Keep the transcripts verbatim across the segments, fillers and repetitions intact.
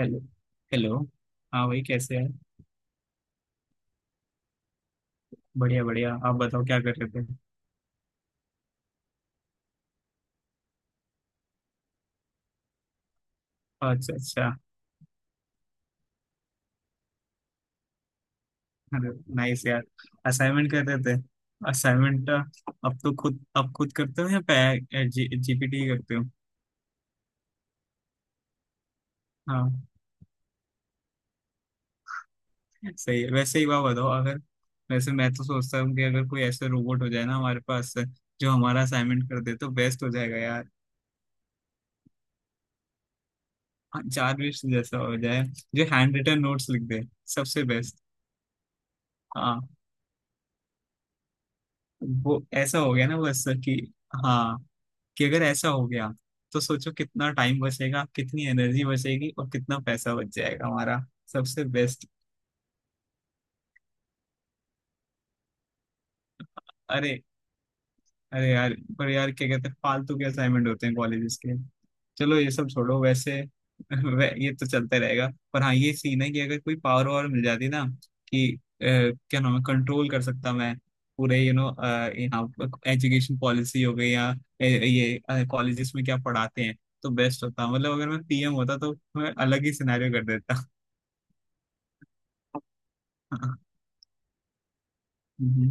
Hello. Hello. हाँ भाई, कैसे हैं? बढ़िया बढ़िया। आप बताओ क्या कर रहे थे? अच्छा अच्छा। अरे नाइस यार। असाइनमेंट कर रहे थे? असाइनमेंट। अब तो खुद अब खुद करते हो या पे जी, जीपीटी करते हो? हाँ। सही है। वैसे ही बात बताओ अगर। वैसे मैं तो सोचता हूँ कि अगर कोई ऐसा रोबोट हो जाए ना हमारे पास, जो हमारा असाइनमेंट कर दे तो बेस्ट हो जाएगा यार। चार्विश जैसा हो जाए, जो हैंड रिटन नोट्स लिख दे। सबसे बेस्ट। हाँ। वो ऐसा हो गया ना, बस कि हाँ, कि अगर ऐसा हो गया, तो सोचो कितना टाइम बचेगा, कितनी एनर्जी बचेगी और कितना पैसा बच जाएगा हमारा। सबसे बेस्ट। अरे अरे यार, पर यार क्या कहते हैं, फालतू के असाइनमेंट होते हैं कॉलेजेस के। चलो ये सब छोड़ो वैसे। वै, ये तो चलता रहेगा। पर हाँ, ये सीन है कि अगर कोई पावर वावर मिल जाती ना, कि अ, क्या नाम है, कंट्रोल कर सकता मैं पूरे यू नो यहाँ, एजुकेशन पॉलिसी हो गई या अ, ये कॉलेजेस में क्या पढ़ाते हैं। तो बेस्ट होता, मतलब अगर मैं पी एम होता तो मैं अलग ही सिनेरियो कर देता। हम्म।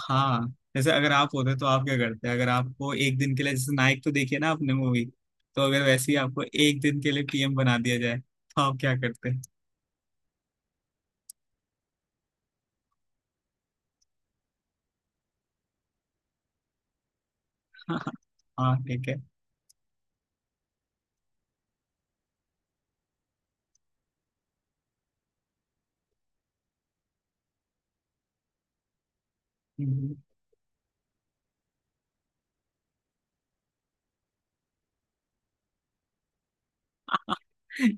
हाँ। जैसे अगर आप होते तो आप क्या करते, अगर आपको एक दिन के लिए, जैसे नायक, तो देखिए ना आपने मूवी। तो अगर वैसे ही आपको एक दिन के लिए पी एम बना दिया जाए तो आप क्या करते? हाँ, ठीक है। हम्म।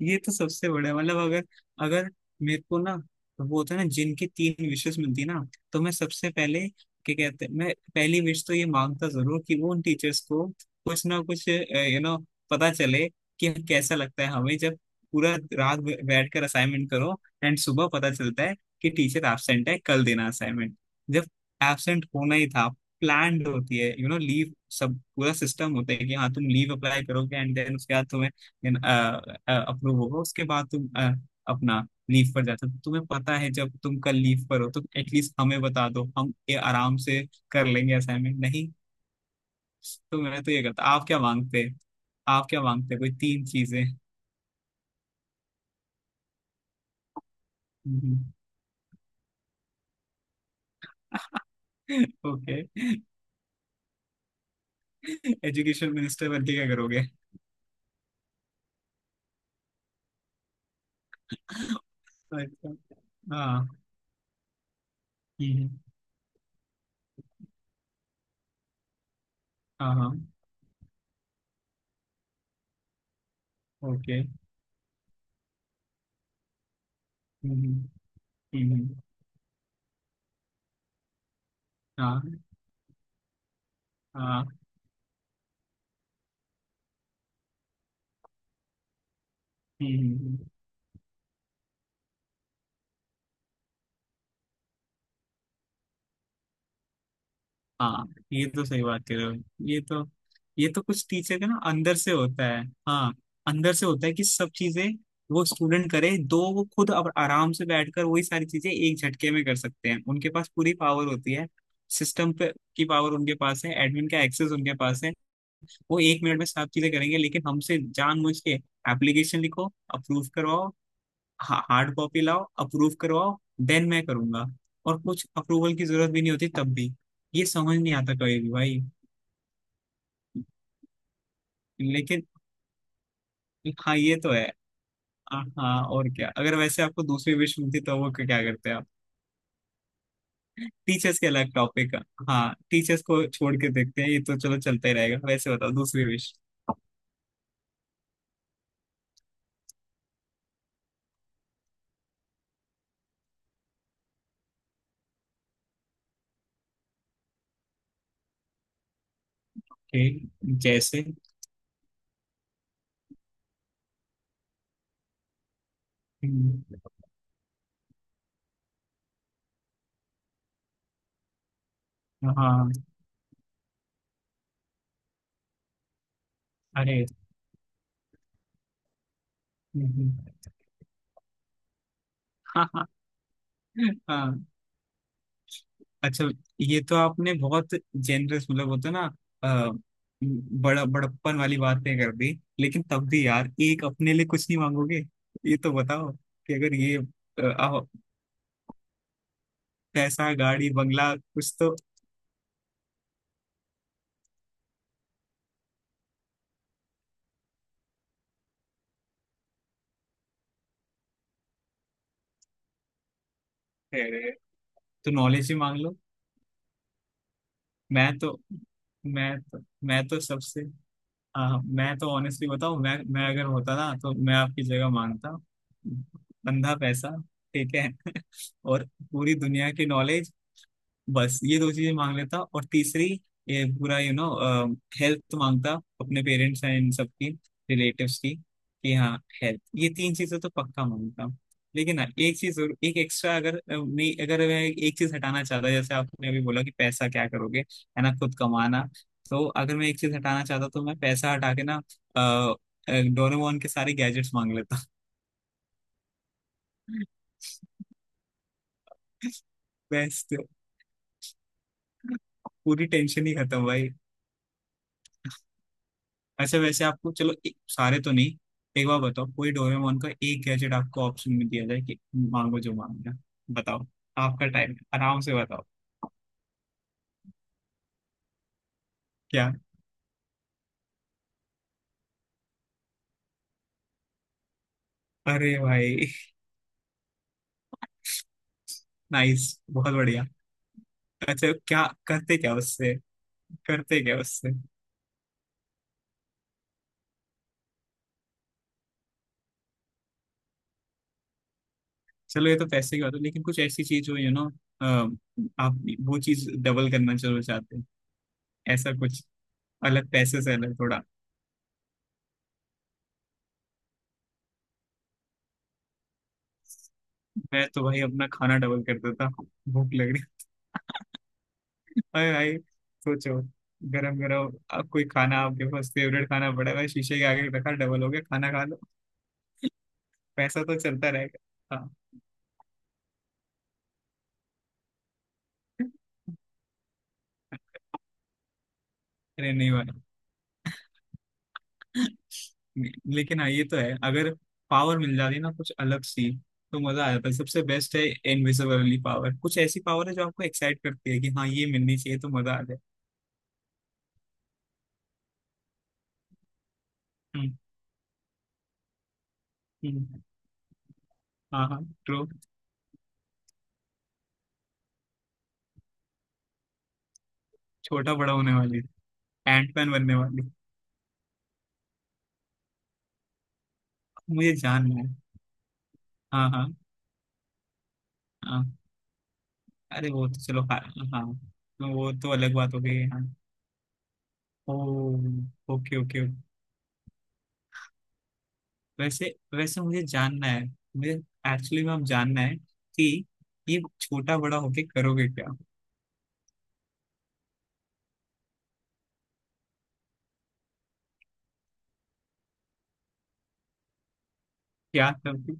ये तो सबसे बड़ा, मतलब अगर अगर मेरे को ना, वो होता है ना जिनकी तीन विशेष मिलती ना, तो मैं सबसे पहले, क्या कहते हैं, मैं पहली विश तो ये मांगता जरूर कि वो उन टीचर्स को कुछ ना कुछ यू नो पता चले कि कैसा लगता है हमें जब पूरा रात बै- बैठ कर असाइनमेंट करो, एंड सुबह पता चलता है कि टीचर एब्सेंट है, कल देना असाइनमेंट। जब एब्सेंट होना ही था, प्लान्ड होती है यू नो लीव, सब पूरा सिस्टम होता है, कि हाँ तुम लीव अप्लाई करोगे एंड देन उसके बाद तुम्हें, देन अप्रूव होगा, उसके बाद तुम अ, अपना लीव पर जाते हो, तो तुम्हें पता है जब तुम कल लीव पर हो तो एटलीस्ट हमें बता दो, हम ये आराम से कर लेंगे, असाइनमेंट नहीं। तो मैं तो ये करता। आप क्या मांगते? आप क्या मांगते कोई तीन चीजें? ओके। एजुकेशन मिनिस्टर बन के क्या करोगे? अच्छा। हाँ। हम्म, हम्म। हाँ हाँ। ओके। हम्म, हम्म, हम्म, हम्म। हाँ हाँ। हम्म, हम्म, हम्म। हाँ, ये तो सही बात कर रहे हो। ये तो ये तो कुछ टीचर का ना अंदर से होता है। हाँ। अंदर से होता है कि सब चीजें, वो स्टूडेंट करे, दो, वो खुद अब आराम से बैठकर वही सारी चीजें एक झटके में कर सकते हैं, उनके पास पूरी पावर होती है सिस्टम पे। की पावर उनके पास है, एडमिन का एक्सेस उनके पास है। वो एक मिनट में सब चीजें करेंगे, लेकिन हमसे जानबूझ के एप्लीकेशन लिखो, अप्रूव करवाओ, हा, हार्ड कॉपी लाओ, अप्रूव करवाओ, देन मैं करूंगा। और कुछ अप्रूवल की जरूरत भी नहीं होती तब भी। ये समझ नहीं आता कभी भी भाई। लेकिन हाँ, ये तो है। हाँ हाँ, और क्या? अगर वैसे आपको दूसरी विश मिलती तो वो क्या करते आप? टीचर्स के अलग टॉपिक, हाँ, टीचर्स को छोड़ के देखते हैं, ये तो चलो चलता ही रहेगा, वैसे बताओ दूसरी विश। ठीक। जैसे। हम्म। हाँ। अरे। हम्म। हाँ हाँ हाँ। अच्छा। ये तो आपने बहुत जेनरस, मतलब होता है ना, अ, बड़ा बड़प्पन वाली बातें कर दी। लेकिन तब भी यार, एक अपने लिए कुछ नहीं मांगोगे? ये तो बताओ। कि अगर ये अ, आ- पैसा, गाड़ी, बंगला, कुछ तो। है, तो नॉलेज ही मांग लो। मैं तो मैं तो मैं तो सबसे, हाँ मैं तो ऑनेस्टली बताऊं, मैं मैं अगर होता ना, तो मैं आपकी जगह मांगता बंधा पैसा, ठीक है। और पूरी दुनिया की नॉलेज। बस ये दो चीजें मांग लेता। और तीसरी ये पूरा यू नो हेल्थ मांगता, अपने पेरेंट्स एंड सबकी रिलेटिव्स की, कि हाँ, हेल्थ। ये तीन चीजें तो पक्का मांगता। लेकिन ना एक चीज जरूर, एक एक्स्ट्रा, अगर अ, नहीं, अगर मैं एक चीज हटाना चाहता, जैसे आपने अभी बोला कि पैसा क्या करोगे, है ना, खुद कमाना। तो अगर मैं एक चीज हटाना चाहता तो मैं पैसा हटा के ना, अ, अ, डोरेमोन के सारे गैजेट्स मांग लेता। बेस्ट। पूरी टेंशन ही खत्म भाई। ऐसे वैसे आपको चलो एक, सारे तो नहीं, एक बार बताओ कोई डोरेमोन का एक गैजेट आपको ऑप्शन में दिया जाए कि मांगो जो मांगना है। बताओ। आपका टाइम है, आराम से बताओ। क्या? अरे भाई। नाइस। बहुत बढ़िया। अच्छा, क्या करते क्या उससे? करते क्या उससे? चलो ये तो पैसे की बात है, लेकिन कुछ ऐसी चीज हो यू नो आप वो चीज डबल करना चलो चाहते हैं, ऐसा कुछ अलग, पैसे से अलग, थोड़ा। मैं तो भाई अपना खाना डबल कर देता। भूख लग रही। अरे भाई, सोचो, गरम गरम। अब कोई खाना आपके पास, फेवरेट खाना पड़ा है, शीशे के आगे रखा, डबल हो गया, खाना खा लो। पैसा तो चलता रहेगा। हाँ। अरे नहीं भाई। लेकिन हाँ, ये तो है अगर पावर मिल जाती ना कुछ अलग सी, तो मजा आ जाता है, सबसे बेस्ट है। इनविजिबिलिटी पावर, कुछ ऐसी पावर है जो आपको एक्साइट करती है कि हाँ ये मिलनी चाहिए तो मजा आ जाए। हम्म, हम्म। हाँ हाँ ट्रू। छोटा बड़ा होने वाली। एंटमैन बनने वाली। मुझे जानना है। हाँ हाँ। हाँ। अरे वो तो चलो, हाँ हाँ, तो वो तो अलग बात हो गई है हाँ। Oh, okay okay. वैसे वैसे मुझे जानना है, मुझे एक्चुअली में अब जानना है, कि ये छोटा बड़ा होके करोगे क्या? क्या करोगे?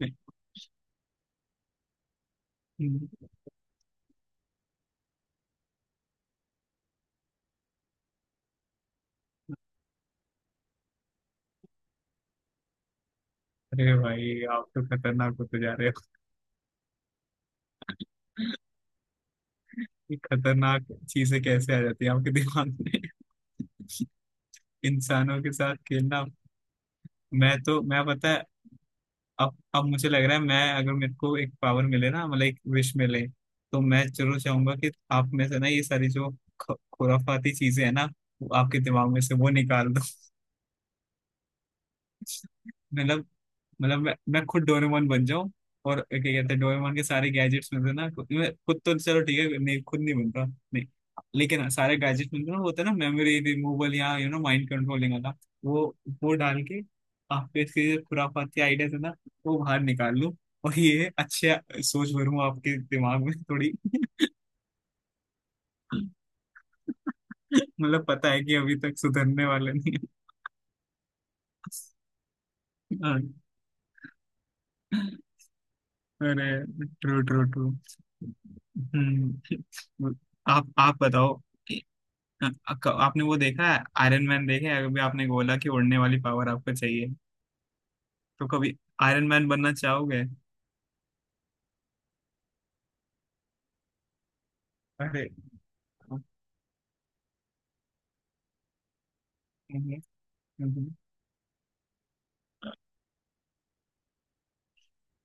अरे भाई, आप तो खतरनाक होते जा रहे हो। ये खतरनाक चीजें कैसे आ जाती है आपके दिमाग में? इंसानों के साथ खेलना। मैं तो मैं पता है, अब अब मुझे लग रहा है, मैं अगर मेरे को एक पावर मिले ना, मतलब एक विश मिले, तो मैं जरूर चाहूंगा कि आप में से ना ये सारी जो ख- खुराफाती चीजें हैं ना, वो आपके दिमाग में से वो निकाल दो। मतलब, मतलब मैं मैं खुद डोरेमोन बन जाऊं, और क्या कहते हैं डोरेमोन के सारे गैजेट्स मिलते हैं ना, खुद मैं, खुद तो चलो ठीक है, नहीं खुद नहीं बनता, नहीं, लेकिन हाँ, सारे गैजेट्स मिलते हैं ना, वो होता है ना, मेमोरी रिमूवल या यू नो माइंड कंट्रोलिंग वाला, वो वो डाल के आपके इसके जो खुराफाती आइडियाज है ना, वो बाहर निकाल लूं और ये अच्छे सोच भरूं आपके दिमाग में थोड़ी। मतलब पता है कि अभी तक सुधरने वाला नहीं है। हाँ। अरे। True true true. हम्म। आप आप बताओ कि अ- अ- आपने वो देखा है, आयरन मैन देखा है? अभी आपने बोला कि उड़ने वाली पावर आपको चाहिए तो कभी आयरन मैन बनना चाहोगे? अरे हम्म, हम्म,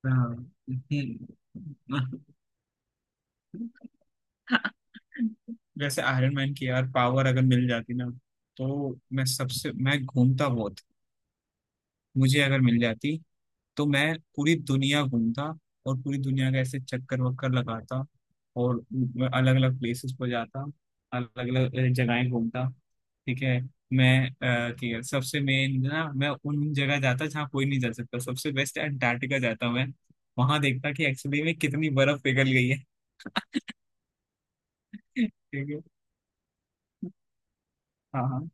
हाँ। हम्म। वैसे आयरन मैन की यार पावर अगर मिल जाती ना, तो मैं सबसे, मैं घूमता बहुत। मुझे अगर मिल जाती तो मैं पूरी दुनिया घूमता और पूरी दुनिया का ऐसे चक्कर वक्कर लगाता और अलग अलग प्लेसेस पर जाता, अलग अलग जगहें घूमता। ठीक है। मैं अ, ठीक है, सबसे मेन ना, मैं उन जगह जाता जहाँ कोई नहीं जा सकता, सबसे बेस्ट अंटार्कटिका जाता मैं, वहां देखता कि एक्चुअली में कितनी बर्फ पिघल गई है। ठीक है। हाँ हाँ।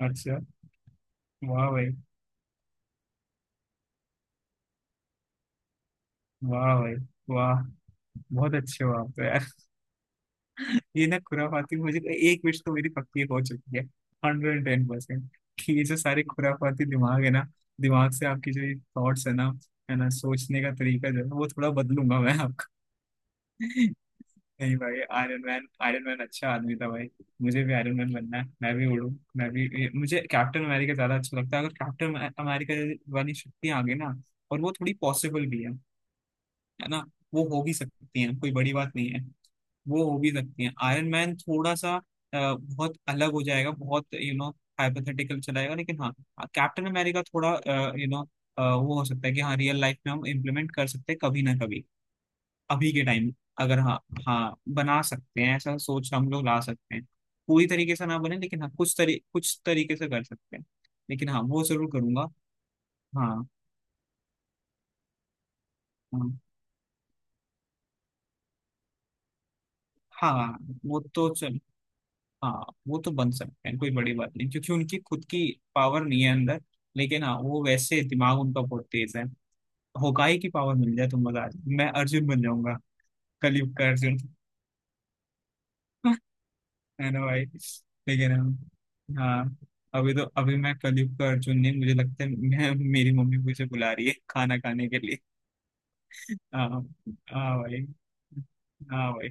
अच्छा। वाह भाई, वाह भाई, वाह, बहुत अच्छे हो आप तो यार। ये ना खुराफाती मुझे, एक विश तो मेरी पक्की हो चुकी है हंड्रेड टेन परसेंट, कि ये जो सारे खुराफाती दिमाग है ना, दिमाग से आपकी जो थॉट्स है ना, है ना, सोचने का तरीका जो है ना, वो थोड़ा बदलूंगा मैं आपका। नहीं भाई, आयरन मैन, आयरन मैन अच्छा आदमी था भाई, मुझे भी आयरन मैन बनना है, मैं भी उड़ूं। मैं भी ये- मुझे कैप्टन अमेरिका ज्यादा अच्छा लगता है, अगर कैप्टन अमेरिका वाली शक्ति आ गई ना, और वो थोड़ी पॉसिबल भी है है ना, वो हो भी सकती हैं, कोई बड़ी बात नहीं है, वो हो भी सकती हैं। आयरन मैन थोड़ा सा अ, बहुत अलग हो जाएगा, बहुत यू नो हाइपोथेटिकल चलाएगा, लेकिन हाँ, कैप्टन अमेरिका थोड़ा यू नो वो हो सकता है कि हाँ रियल लाइफ में हम इम्प्लीमेंट कर सकते हैं कभी ना कभी। अभी के टाइम अगर, हाँ, हाँ, बना सकते हैं, ऐसा सोच हम लोग ला सकते हैं, पूरी तरीके से ना बने, लेकिन हाँ, कुछ तरी कुछ तरीके से कर सकते हैं। लेकिन हाँ वो जरूर करूंगा। हाँ हाँ हाँ। वो तो चल हाँ वो तो बन सकते हैं, कोई बड़ी बात नहीं, क्योंकि उनकी खुद की पावर नहीं है अंदर। लेकिन हाँ, वो वैसे दिमाग उनका बहुत तेज है। होकाई की पावर मिल जाए तो मजा आ जाए, मैं अर्जुन बन जाऊंगा, कलयुग का अर्जुन। है ना भाई? लेकिन हम- हाँ, अभी तो अभी मैं कलयुग का अर्जुन नहीं, मुझे लगता है मैं, मेरी मम्मी मुझे बुला रही है खाना खाने के लिए। हाँ। हाँ भाई। हाँ भाई।